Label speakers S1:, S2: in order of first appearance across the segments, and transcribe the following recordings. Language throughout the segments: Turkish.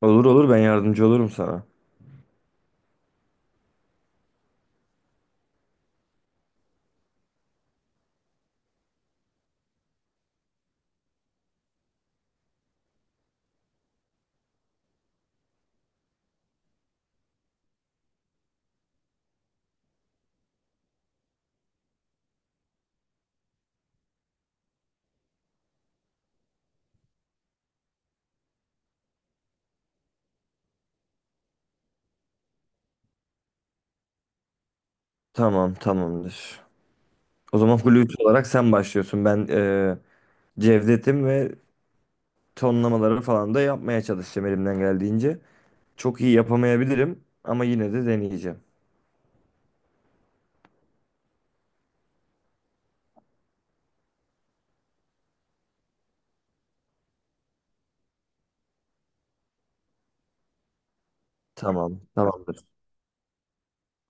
S1: Olur olur, ben yardımcı olurum sana. Tamam, tamamdır. O zaman Hulusi olarak sen başlıyorsun. Ben Cevdet'im ve tonlamaları falan da yapmaya çalışacağım elimden geldiğince. Çok iyi yapamayabilirim ama yine de deneyeceğim. Tamam, tamamdır.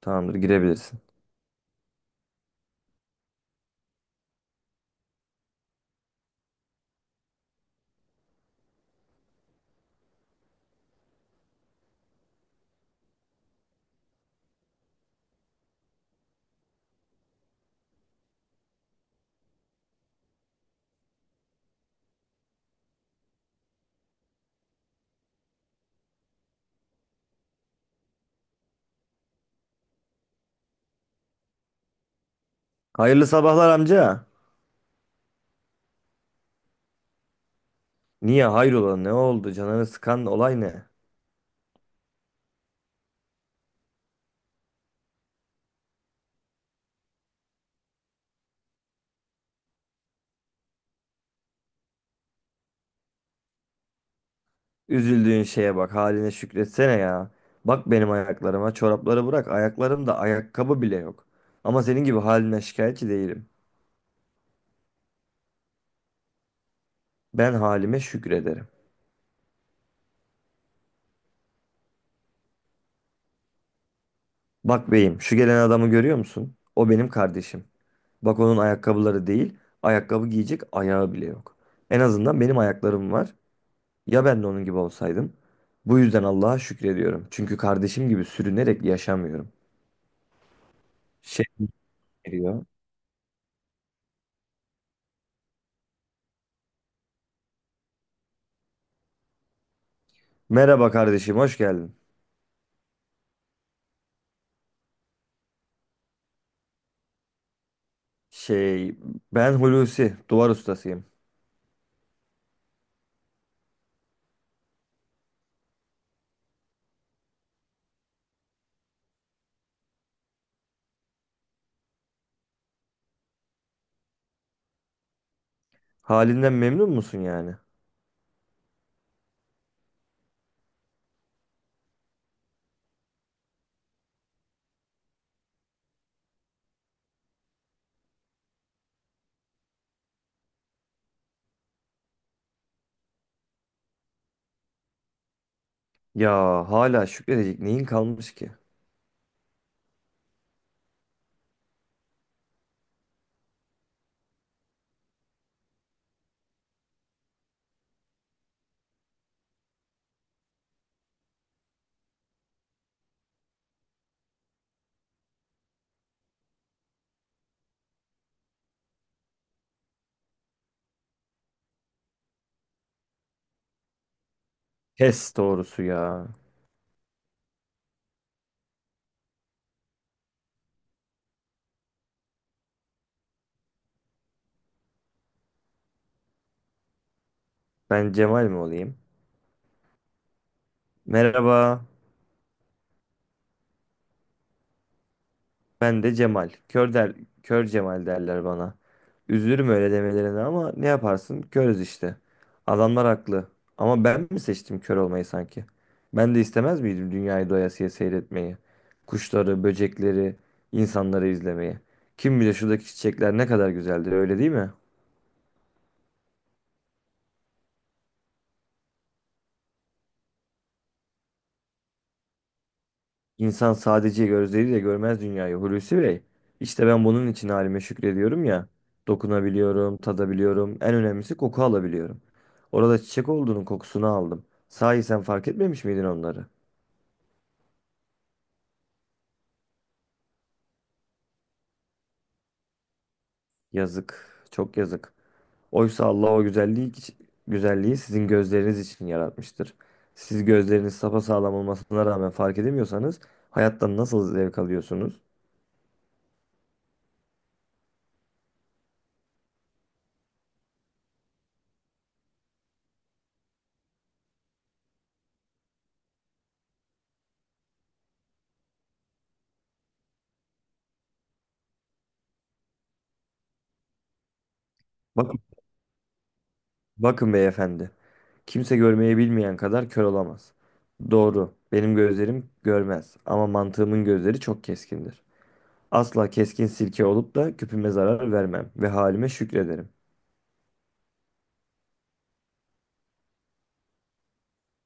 S1: Tamamdır, girebilirsin. Hayırlı sabahlar amca. Niye, hayrola, ne oldu, canını sıkan olay ne? Üzüldüğün şeye bak, haline şükretsene ya. Bak, benim ayaklarıma, çorapları bırak, ayaklarımda ayakkabı bile yok. Ama senin gibi haline şikayetçi değilim. Ben halime şükrederim. Bak beyim, şu gelen adamı görüyor musun? O benim kardeşim. Bak, onun ayakkabıları değil, ayakkabı giyecek ayağı bile yok. En azından benim ayaklarım var. Ya ben de onun gibi olsaydım? Bu yüzden Allah'a şükrediyorum. Çünkü kardeşim gibi sürünerek yaşamıyorum. Şey geliyor. Merhaba kardeşim, hoş geldin. Şey, ben Hulusi, duvar ustasıyım. Halinden memnun musun yani? Ya hala şükredecek neyin kalmış ki? Kes doğrusu ya. Ben Cemal mi olayım? Merhaba, ben de Cemal. Kör der, kör Cemal derler bana. Üzülürüm öyle demelerine ama ne yaparsın? Körüz işte. Adamlar haklı. Ama ben mi seçtim kör olmayı sanki? Ben de istemez miydim dünyayı doyasıya seyretmeyi? Kuşları, böcekleri, insanları izlemeyi. Kim bilir şuradaki çiçekler ne kadar güzeldir, öyle değil mi? İnsan sadece gözleriyle görmez dünyayı Hulusi Bey. İşte ben bunun için halime şükrediyorum ya. Dokunabiliyorum, tadabiliyorum. En önemlisi koku alabiliyorum. Orada çiçek olduğunun kokusunu aldım. Sahi sen fark etmemiş miydin onları? Yazık, çok yazık. Oysa Allah o güzelliği, güzelliği sizin gözleriniz için yaratmıştır. Siz gözleriniz sapasağlam olmasına rağmen fark edemiyorsanız hayattan nasıl zevk alıyorsunuz? Bakın, bakın beyefendi. Kimse görmeyi bilmeyen kadar kör olamaz. Doğru. Benim gözlerim görmez ama mantığımın gözleri çok keskindir. Asla keskin sirke olup da küpüme zarar vermem ve halime şükrederim.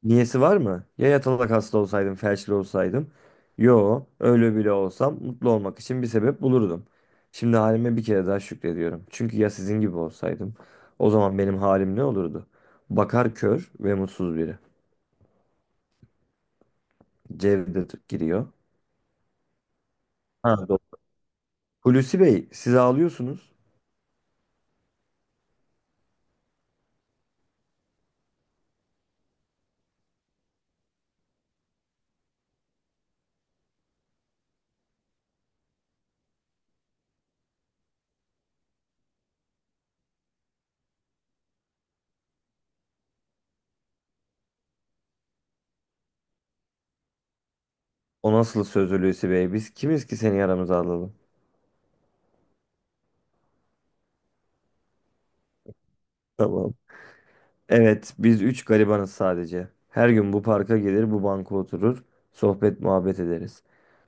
S1: Niyesi var mı? Ya yatalak hasta olsaydım, felçli olsaydım? Yo, öyle bile olsam mutlu olmak için bir sebep bulurdum. Şimdi halime bir kere daha şükrediyorum. Çünkü ya sizin gibi olsaydım, o zaman benim halim ne olurdu? Bakar kör ve mutsuz biri. Cevdet giriyor. Ha, doğru. Hulusi Bey, siz ağlıyorsunuz. O nasıl söz Hulusi Bey? Biz kimiz ki seni yaramıza alalım? Tamam. Evet, biz üç garibanız sadece. Her gün bu parka gelir, bu banka oturur, sohbet muhabbet ederiz.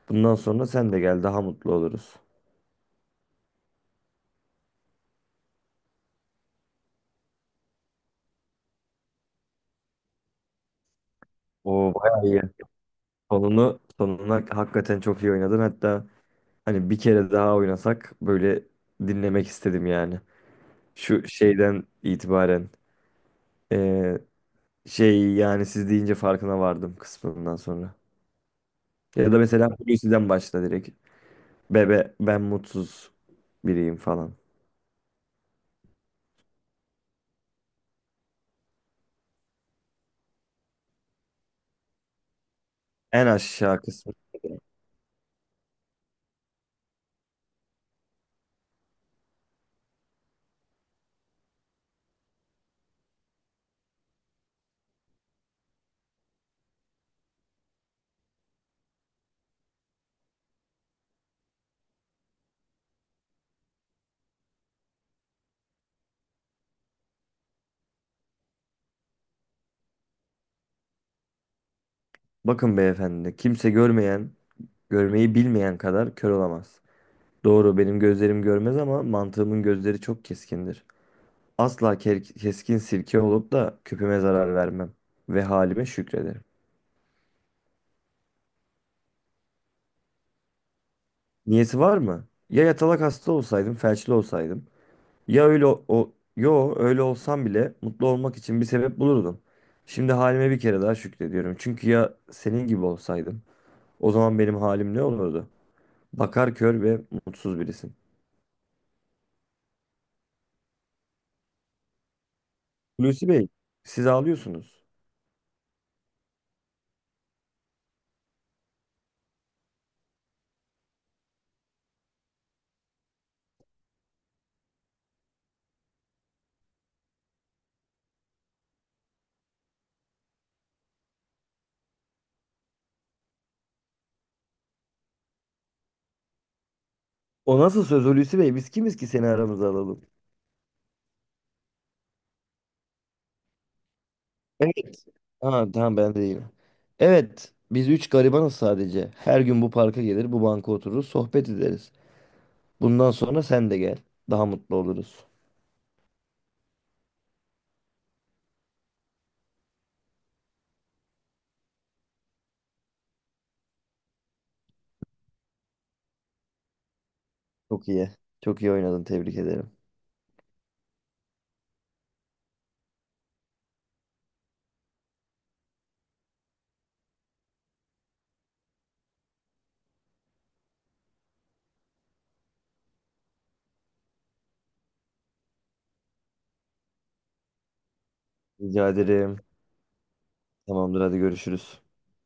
S1: Bundan sonra sen de gel, daha mutlu oluruz. Oo, bayağı iyi. Sonunu, sonuna hakikaten çok iyi oynadın. Hatta hani bir kere daha oynasak böyle dinlemek istedim yani. Şu şeyden itibaren eee, şey, yani siz deyince farkına vardım kısmından sonra. Ya da mesela Hulusi'den başla direkt. Bebe ben mutsuz biriyim falan. En aşağı kısmı. Bakın beyefendi, kimse görmeyen, görmeyi bilmeyen kadar kör olamaz. Doğru, benim gözlerim görmez ama mantığımın gözleri çok keskindir. Asla keskin sirke olup da küpüme zarar vermem ve halime şükrederim. Niyeti var mı? Ya yatalak hasta olsaydım, felçli olsaydım. Yo, öyle olsam bile mutlu olmak için bir sebep bulurdum. Şimdi halime bir kere daha şükrediyorum. Çünkü ya senin gibi olsaydım. O zaman benim halim ne olurdu? Bakar kör ve mutsuz birisin. Hulusi Bey, siz ağlıyorsunuz. O nasıl söz Hulusi Bey? Biz kimiz ki seni aramıza alalım? Evet. Ha, tamam, ben de değilim. Evet, biz üç garibanız sadece. Her gün bu parka gelir, bu banka otururuz, sohbet ederiz. Bundan sonra sen de gel. Daha mutlu oluruz. Çok iyi. Çok iyi oynadın, tebrik ederim. Rica ederim. Tamamdır, hadi görüşürüz.